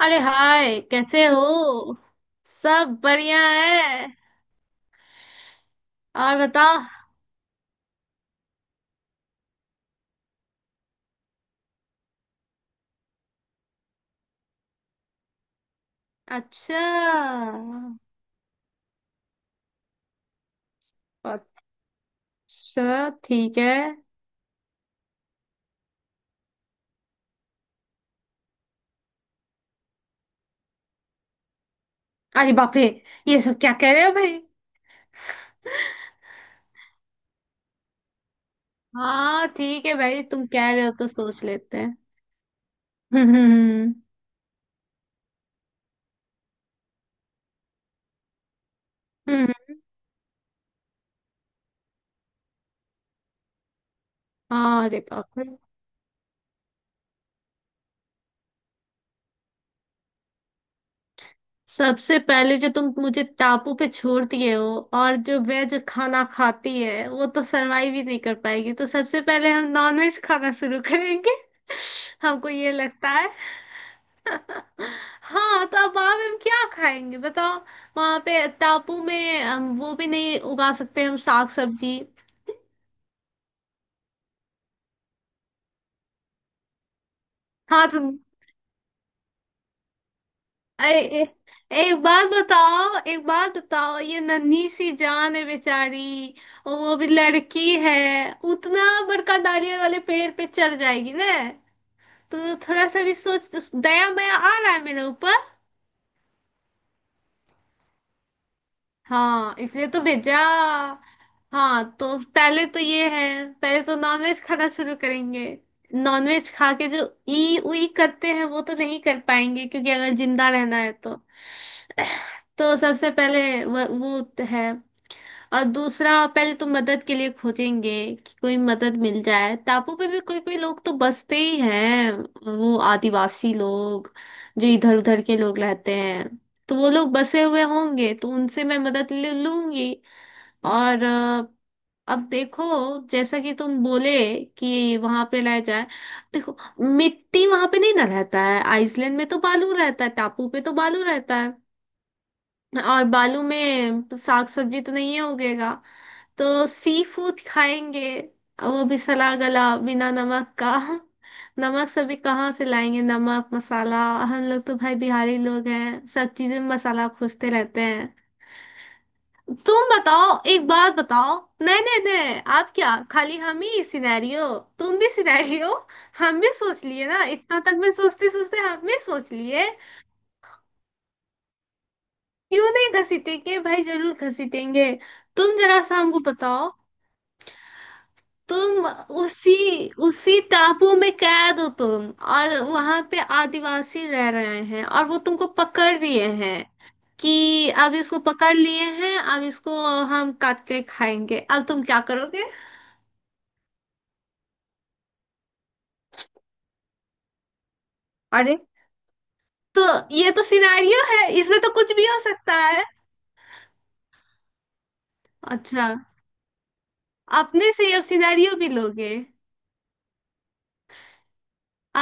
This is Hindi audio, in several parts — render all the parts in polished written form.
अरे हाय, कैसे हो। सब बढ़िया है। और बताओ। अच्छा। अच्छा ठीक है। अरे बाप रे, ये सब क्या कह रहे हो भाई। हाँ ठीक है भाई, तुम कह रहे हो तो सोच लेते हैं। हम्म। हम्म, हम्म, हाँ, अरे बाप रे। सबसे पहले जो तुम मुझे टापू पे छोड़ दिए हो और जो वेज खाना खाती है वो तो सरवाइव ही नहीं कर पाएगी, तो सबसे पहले हम नॉनवेज खाना शुरू करेंगे। हमको ये लगता है। हाँ तो अब वहां पे हम क्या खाएंगे बताओ। वहां पे टापू में हम वो भी नहीं उगा सकते, हम साग सब्जी। हाँ तो ए, एक बात बताओ, एक बात बताओ, ये नन्ही सी जान है बेचारी। और वो भी लड़की है। उतना बड़का नारियल वाले पेड़ पे चढ़ जाएगी ना। तो थोड़ा सा भी सोच, दया माया आ रहा है मेरे ऊपर। हाँ इसलिए तो भेजा। हाँ तो पहले तो ये है। पहले तो नॉनवेज खाना शुरू करेंगे। नॉनवेज खा के जो ई उई करते हैं वो तो नहीं कर पाएंगे, क्योंकि अगर जिंदा रहना है तो। तो सबसे पहले वो है। और दूसरा, पहले तो मदद के लिए खोजेंगे कि कोई मदद मिल जाए। टापू पे भी कोई कोई लोग तो बसते ही हैं, वो आदिवासी लोग, जो इधर उधर के लोग रहते हैं। तो वो लोग बसे हुए होंगे तो उनसे मैं मदद ले लूंगी। और अब देखो, जैसा कि तुम बोले कि वहां पे रह जाए। देखो, मिट्टी वहां पे नहीं ना रहता है। आइसलैंड में तो बालू रहता है, टापू पे तो बालू रहता है। और बालू में साग सब्जी तो नहीं उगेगा। तो सी फूड खाएंगे। वो भी सला गला, बिना नमक का। नमक सभी कहाँ से लाएंगे, नमक मसाला। हम लोग तो भाई बिहारी लोग हैं, सब चीजें में मसाला खोजते रहते हैं। तुम बताओ, एक बात बताओ। नहीं नहीं नहीं, आप क्या खाली हम ही सिनेरियो। तुम भी सिनेरियो। हम भी सोच लिए ना, इतना तक में सोचते सोचते हम भी सोच लिए। क्यों नहीं घसीटेंगे भाई, जरूर घसीटेंगे। तुम जरा सा हमको बताओ। तुम उसी उसी टापू में कैद हो तुम। और वहां पे आदिवासी रह रहे हैं, और वो तुमको पकड़ लिए हैं कि अब इसको पकड़ लिए हैं, अब इसको हम काट के खाएंगे, अब तुम क्या करोगे। अरे, तो ये तो सिनारियो है, इसमें तो कुछ भी हो सकता है। अच्छा। अपने से ही अब सिनारियो भी लोगे।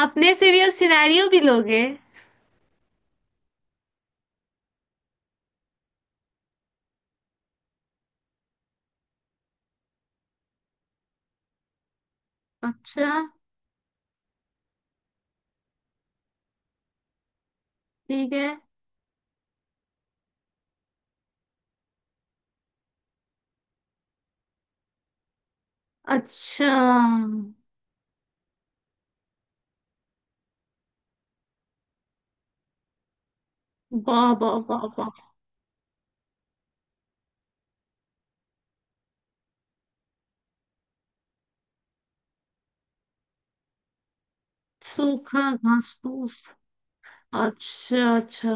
अपने से भी अब सिनारियो भी लोगे। अच्छा ठीक है। अच्छा। वाह वाह वाह वाह। सूखा घास फूस। अच्छा अच्छा।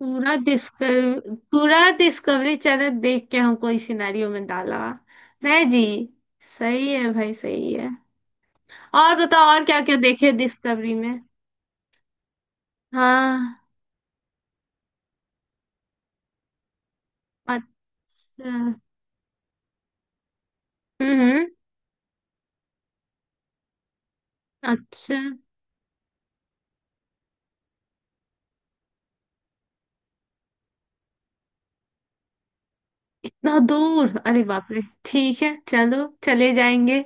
पूरा डिस्कवर, पूरा डिस्कवरी चैनल देख के हमको इस सिनेरियो में डाला। नहीं जी। सही है भाई, सही है। और बताओ, और क्या क्या देखे डिस्कवरी में। हाँ। अच्छा। हम्म। हम्म, अच्छा। इतना दूर, अरे बाप रे। ठीक है, चलो चले जाएंगे।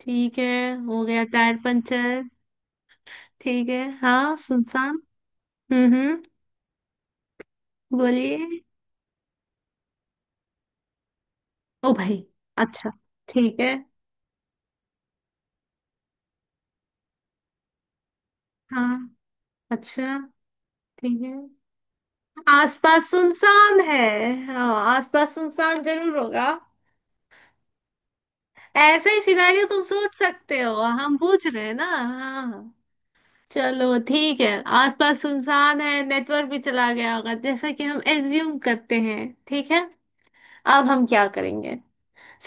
ठीक है, हो गया टायर पंचर। ठीक है, हाँ सुनसान। हम्म। बोलिए। ओ भाई। अच्छा। ठीक है। हाँ। अच्छा। ठीक है। आसपास सुनसान है। हाँ। आसपास सुनसान जरूर होगा। ऐसा ही सिनेरियो तुम सोच सकते हो। हम पूछ रहे हैं ना, हाँ। चलो ठीक है। आसपास सुनसान है, नेटवर्क भी चला गया होगा, जैसा कि हम एज्यूम करते हैं। ठीक है, अब हम क्या करेंगे।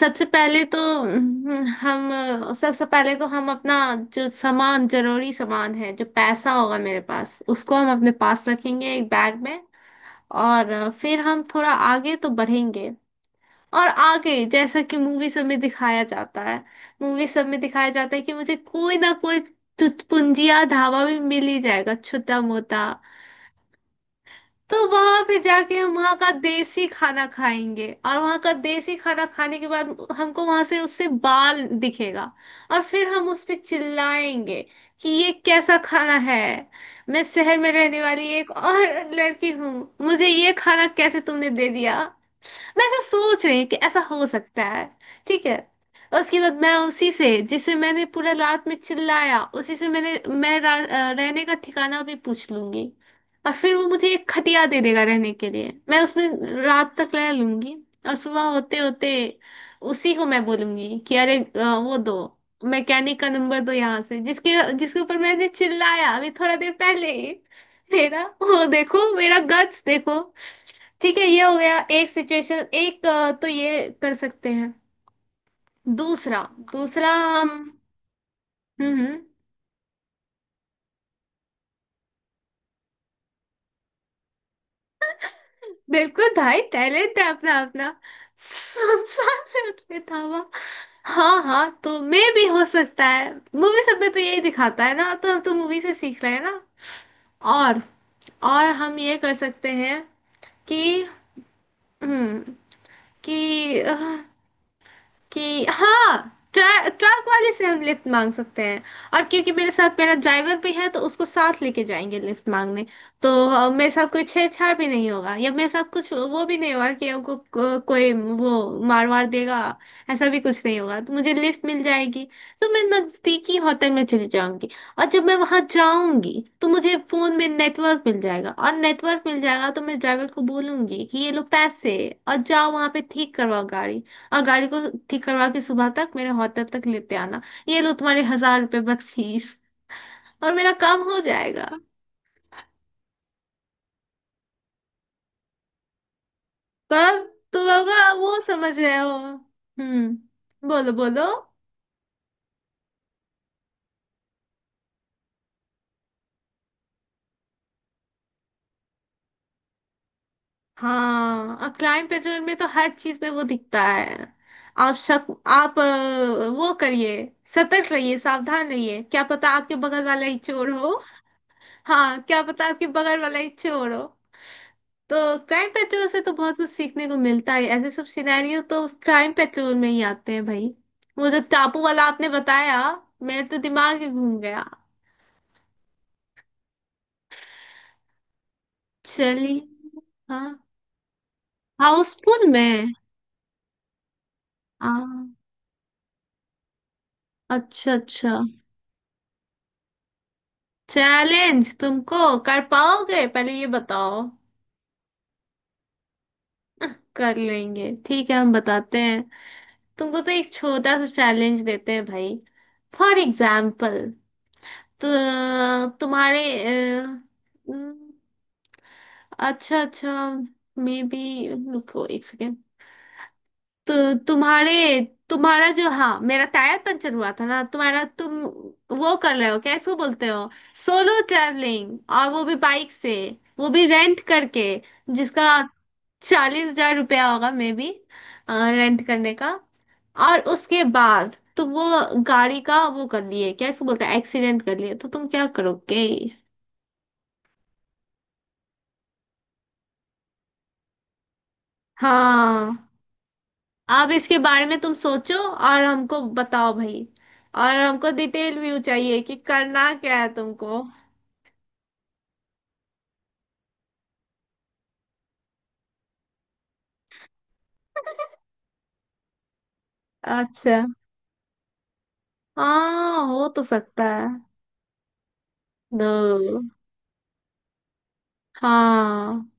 सबसे पहले तो हम, सबसे पहले तो हम अपना जो सामान, जरूरी सामान है, जो पैसा होगा मेरे पास, उसको हम अपने पास रखेंगे एक बैग में। और फिर हम थोड़ा आगे तो बढ़ेंगे। और आगे जैसा कि मूवी सब में दिखाया जाता है, मूवी सब में दिखाया जाता है कि मुझे कोई ना कोई चुटपुंजिया ढाबा भी मिल ही जाएगा, छोटा मोटा। तो वहां पे जाके हम वहां का देसी खाना खाएंगे, और वहां का देसी खाना खाने के बाद हमको वहां से उससे बाल दिखेगा। और फिर हम उस पे चिल्लाएंगे कि ये कैसा खाना है, मैं शहर में रहने वाली एक और लड़की हूँ, मुझे ये खाना कैसे तुमने दे दिया। मैं ऐसा सोच रही हूँ कि ऐसा हो सकता है। ठीक है। उसके बाद मैं उसी से, जिसे मैंने पूरा रात में चिल्लाया, उसी से मैंने रहने का ठिकाना भी पूछ लूंगी। और फिर वो मुझे एक खटिया दे देगा रहने के लिए, मैं उसमें रात तक रह लूंगी। और सुबह होते होते उसी को मैं बोलूंगी कि अरे वो दो, मैकेनिक का नंबर दो यहाँ से, जिसके जिसके ऊपर मैंने चिल्लाया अभी थोड़ा देर पहले ही। मेरा वो देखो, मेरा गट्स देखो। ठीक है, ये हो गया एक सिचुएशन, एक, तो ये कर सकते हैं। दूसरा। दूसरा हम। हम्म। बिल्कुल भाई, टैलेंट है अपना अपना। संसार में उतने धावा। हाँ हाँ, तो मैं भी हो सकता है। मूवी सब में तो यही दिखाता है ना, तो हम तो मूवी से सीख रहे हैं ना। और और हम ये कर सकते हैं कि हम्म कि अ, कि हाँ, ट्रक वाले से हम लिफ्ट मांग सकते हैं। और क्योंकि मेरे साथ मेरा ड्राइवर भी है तो उसको साथ लेके जाएंगे लिफ्ट मांगने। तो मेरे साथ कोई छेड़छाड़ भी नहीं होगा, या मेरे साथ कुछ वो भी नहीं होगा कि हमको कोई वो मार वार देगा। ऐसा भी कुछ नहीं होगा, तो मुझे लिफ्ट मिल जाएगी। तो मैं नजदीकी होटल में चली जाऊंगी। और जब मैं वहां जाऊंगी तो मुझे फोन में नेटवर्क मिल जाएगा, और नेटवर्क मिल जाएगा तो मैं ड्राइवर को बोलूंगी कि ये लो पैसे, और जाओ वहां पे ठीक करवाओ गाड़ी। और गाड़ी को ठीक करवा के सुबह तक मेरे होटल तक लेते आना। ये लो तुम्हारे 1,000 रुपये बख्शीश। और मेरा काम हो जाएगा। पर तुम होगा वो समझ रहे हो, हम्म, बोलो बोलो। हाँ, और क्राइम पेट्रोल में तो हर चीज में वो दिखता है। आप शक, आप वो करिए, सतर्क रहिए, सावधान रहिए, क्या पता आपके बगल वाला ही चोर हो। हाँ, क्या पता आपके बगल वाला ही चोर हो। तो क्राइम पेट्रोल से तो बहुत कुछ सीखने को मिलता है, ऐसे सब सिनेरियो तो क्राइम पेट्रोल में ही आते हैं भाई। वो जो टापू वाला आपने बताया, मेरे तो दिमाग ही घूम गया। चलिए। हाँ। हाउसफुल में। हाँ। अच्छा अच्छा। चैलेंज तुमको कर पाओगे, पहले ये बताओ। कर लेंगे ठीक है, हम बताते हैं। तुमको तो एक छोटा सा चैलेंज देते हैं भाई। For example. तो तुम्हारे, अच्छा अच्छा, मे बी, रुको एक सेकेंड। तो तुम्हारे तुम्हारा जो, हाँ, मेरा टायर पंचर हुआ था ना, तुम वो कर रहे हो क्या इसको बोलते हो, सोलो ट्रैवलिंग, और वो भी बाइक से। वो भी रेंट करके, जिसका 40,000 रुपया होगा मे बी, रेंट करने का। और उसके बाद तुम वो गाड़ी का वो कर लिए, क्या इसको बोलते हैं, एक्सीडेंट कर लिए, तो तुम क्या करोगे। हाँ, आप इसके बारे में तुम सोचो और हमको बताओ भाई। और हमको डिटेल व्यू चाहिए कि करना क्या है तुमको। अच्छा। हाँ हो तो सकता है। दो। हाँ।